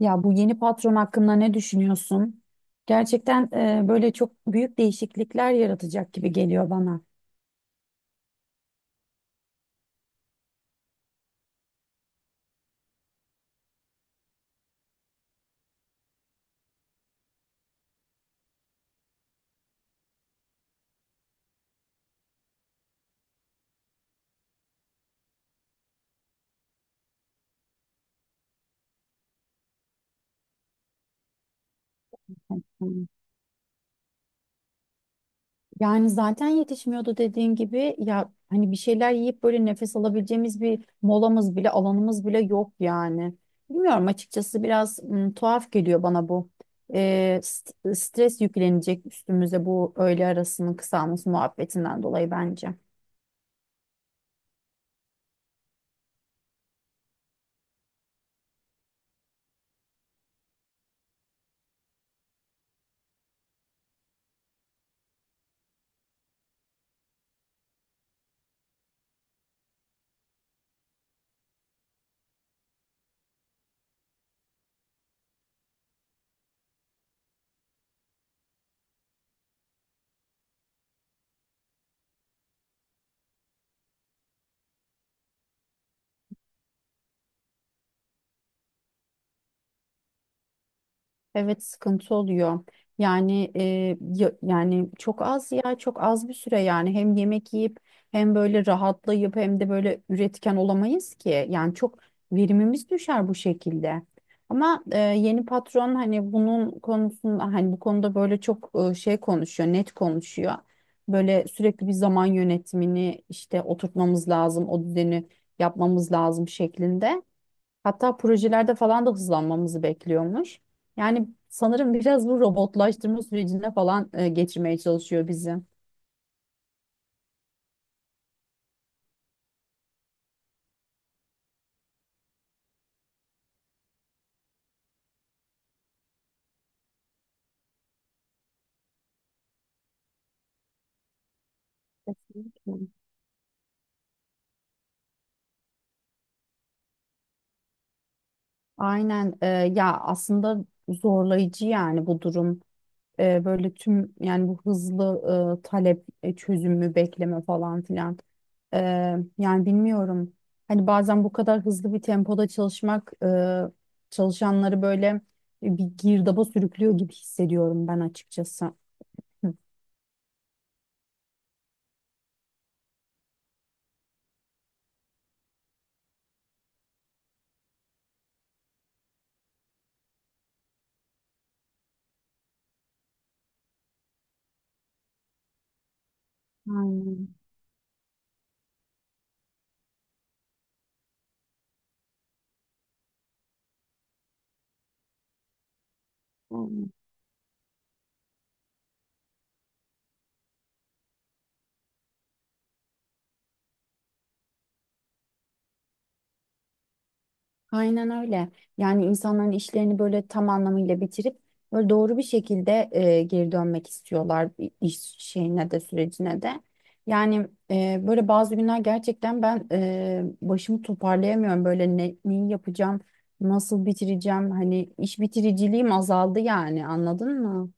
Ya bu yeni patron hakkında ne düşünüyorsun? Gerçekten böyle çok büyük değişiklikler yaratacak gibi geliyor bana. Yani zaten yetişmiyordu dediğin gibi ya hani bir şeyler yiyip böyle nefes alabileceğimiz bir molamız bile alanımız bile yok yani. Bilmiyorum açıkçası biraz tuhaf geliyor bana bu. Stres yüklenecek üstümüze bu öğle arasının kısalması muhabbetinden dolayı bence. Evet, sıkıntı oluyor. Yani e, Yani çok az, ya çok az bir süre. Yani hem yemek yiyip hem böyle rahatlayıp hem de böyle üretken olamayız ki. Yani çok verimimiz düşer bu şekilde. Ama yeni patron hani bunun konusunda hani bu konuda böyle çok konuşuyor, net konuşuyor. Böyle sürekli bir zaman yönetimini işte oturtmamız lazım, o düzeni yapmamız lazım şeklinde. Hatta projelerde falan da hızlanmamızı bekliyormuş. Yani sanırım biraz bu robotlaştırma sürecine falan geçirmeye çalışıyor bizi. Kesinlikle. Aynen. Ya aslında zorlayıcı yani bu durum. Böyle tüm, yani bu hızlı talep, çözümü bekleme falan filan. E, Yani bilmiyorum. Hani bazen bu kadar hızlı bir tempoda çalışmak çalışanları böyle bir girdaba sürüklüyor gibi hissediyorum ben açıkçası. Hı. Aynen. Aynen. Aynen öyle. Yani insanların işlerini böyle tam anlamıyla bitirip böyle doğru bir şekilde geri dönmek istiyorlar iş şeyine de, sürecine de. Böyle bazı günler gerçekten ben başımı toparlayamıyorum. Böyle neyi yapacağım, nasıl bitireceğim? Hani iş bitiriciliğim azaldı yani, anladın mı?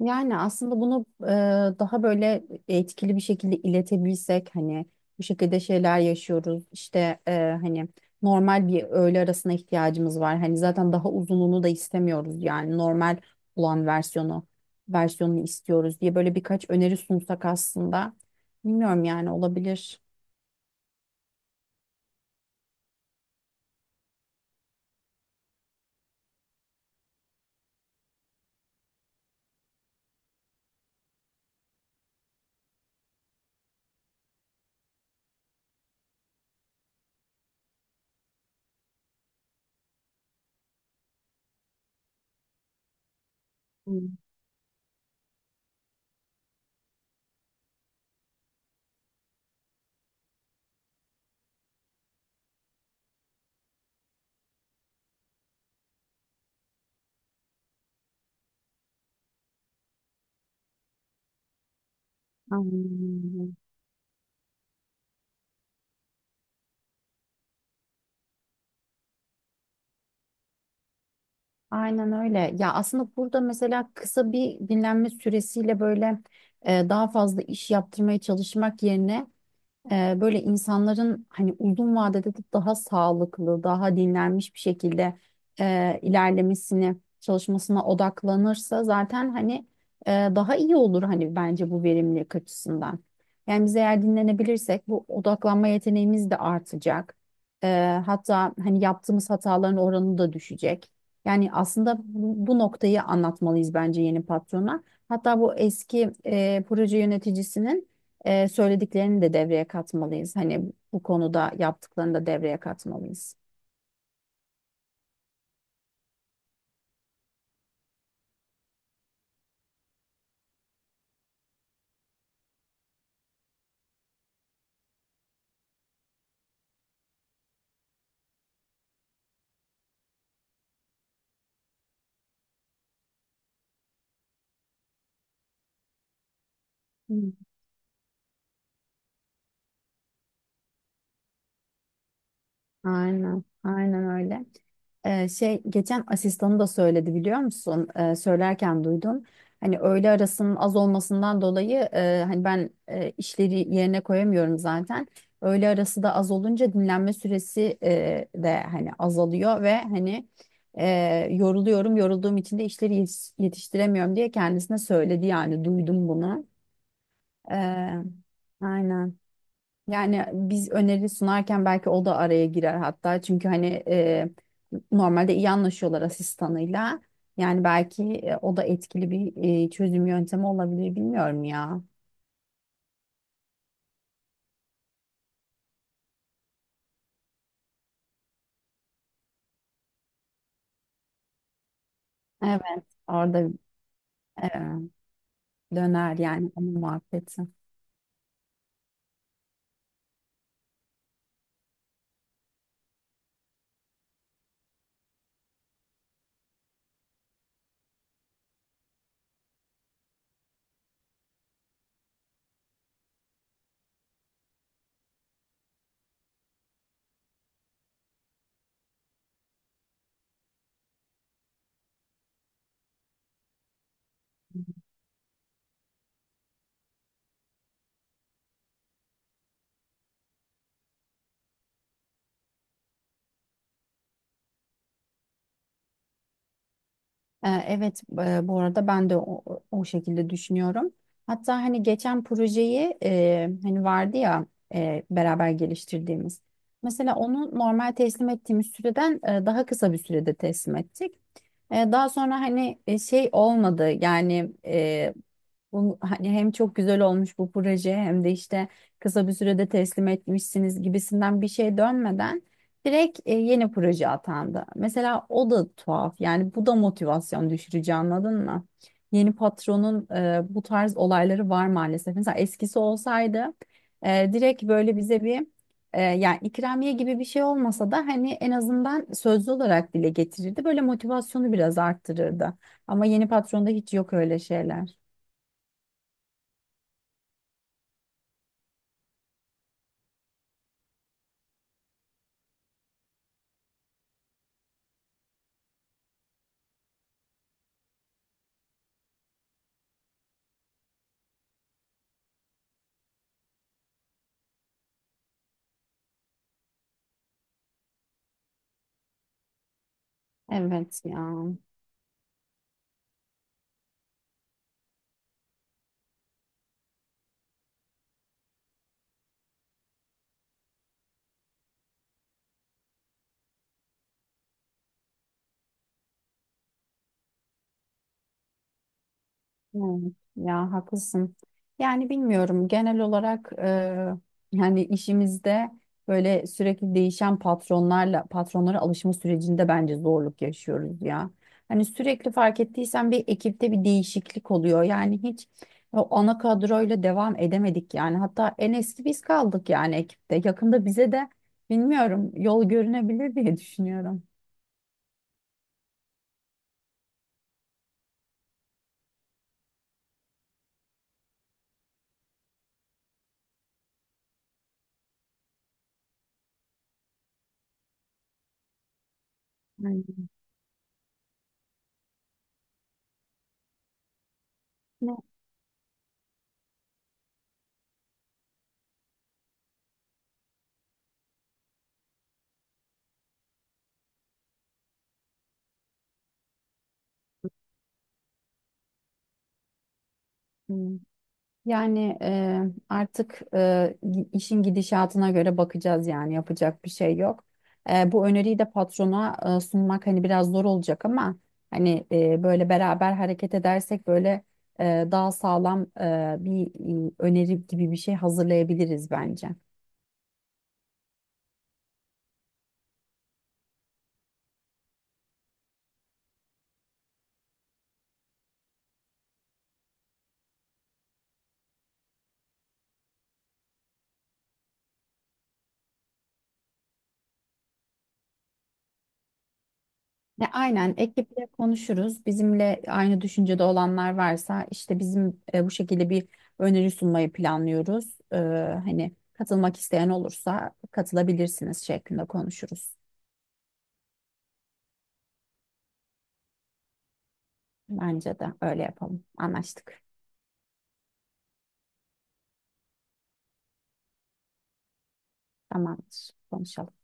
Yani aslında bunu daha böyle etkili bir şekilde iletebilsek, hani bu şekilde şeyler yaşıyoruz işte. Hani normal bir öğle arasına ihtiyacımız var. Hani zaten daha uzunluğunu da istemiyoruz, yani normal olan versiyonunu istiyoruz diye böyle birkaç öneri sunsak aslında, bilmiyorum yani, olabilir. Hmm. Aynen. Aynen öyle. Ya aslında burada mesela kısa bir dinlenme süresiyle böyle daha fazla iş yaptırmaya çalışmak yerine böyle insanların hani uzun vadede de daha sağlıklı, daha dinlenmiş bir şekilde ilerlemesini, çalışmasına odaklanırsa zaten hani daha iyi olur hani, bence bu verimlilik açısından. Yani biz eğer dinlenebilirsek bu odaklanma yeteneğimiz de artacak. E, Hatta hani yaptığımız hataların oranı da düşecek. Yani aslında bu noktayı anlatmalıyız bence yeni patrona. Hatta bu eski proje yöneticisinin söylediklerini de devreye katmalıyız. Hani bu konuda yaptıklarını da devreye katmalıyız. Hı. Aynen, aynen öyle. Şey, geçen asistanı da söyledi biliyor musun? Söylerken duydum. Hani öğle arasının az olmasından dolayı hani ben işleri yerine koyamıyorum zaten. Öğle arası da az olunca dinlenme süresi de hani azalıyor ve hani yoruluyorum. Yorulduğum için de işleri yetiştiremiyorum diye kendisine söyledi, yani duydum bunu. Ee, aynen. Yani biz öneri sunarken belki o da araya girer hatta. Çünkü hani normalde iyi anlaşıyorlar asistanıyla. Yani belki o da etkili bir çözüm yöntemi olabilir, bilmiyorum ya. Evet. Orada e, döner yani onun muhabbeti. Evet, bu arada ben de o şekilde düşünüyorum. Hatta hani geçen projeyi hani vardı ya, beraber geliştirdiğimiz. Mesela onu normal teslim ettiğimiz süreden daha kısa bir sürede teslim ettik. Daha sonra hani şey olmadı yani hani hem çok güzel olmuş bu proje, hem de işte kısa bir sürede teslim etmişsiniz gibisinden bir şey dönmeden direkt yeni proje atandı. Mesela o da tuhaf yani, bu da motivasyon düşürücü, anladın mı? Yeni patronun bu tarz olayları var maalesef. Mesela eskisi olsaydı direkt böyle bize bir yani ikramiye gibi bir şey olmasa da hani en azından sözlü olarak dile getirirdi. Böyle motivasyonu biraz arttırırdı. Ama yeni patronda hiç yok öyle şeyler. Evet ya. Evet, ya haklısın. Yani bilmiyorum, genel olarak yani işimizde böyle sürekli değişen patronlara alışma sürecinde bence zorluk yaşıyoruz ya. Hani sürekli, fark ettiysen, bir ekipte bir değişiklik oluyor. Yani hiç o ana kadroyla devam edemedik yani. Hatta en eski biz kaldık yani ekipte. Yakında bize de bilmiyorum, yol görünebilir diye düşünüyorum. Yani, ne? Yani e, Artık işin gidişatına göre bakacağız, yani yapacak bir şey yok. Bu öneriyi de patrona sunmak hani biraz zor olacak ama hani böyle beraber hareket edersek böyle daha sağlam bir öneri gibi bir şey hazırlayabiliriz bence. Ya aynen, ekiple konuşuruz. Bizimle aynı düşüncede olanlar varsa, işte bizim bu şekilde bir öneri sunmayı planlıyoruz, hani katılmak isteyen olursa katılabilirsiniz şeklinde konuşuruz. Bence de öyle yapalım. Anlaştık. Tamamdır. Konuşalım.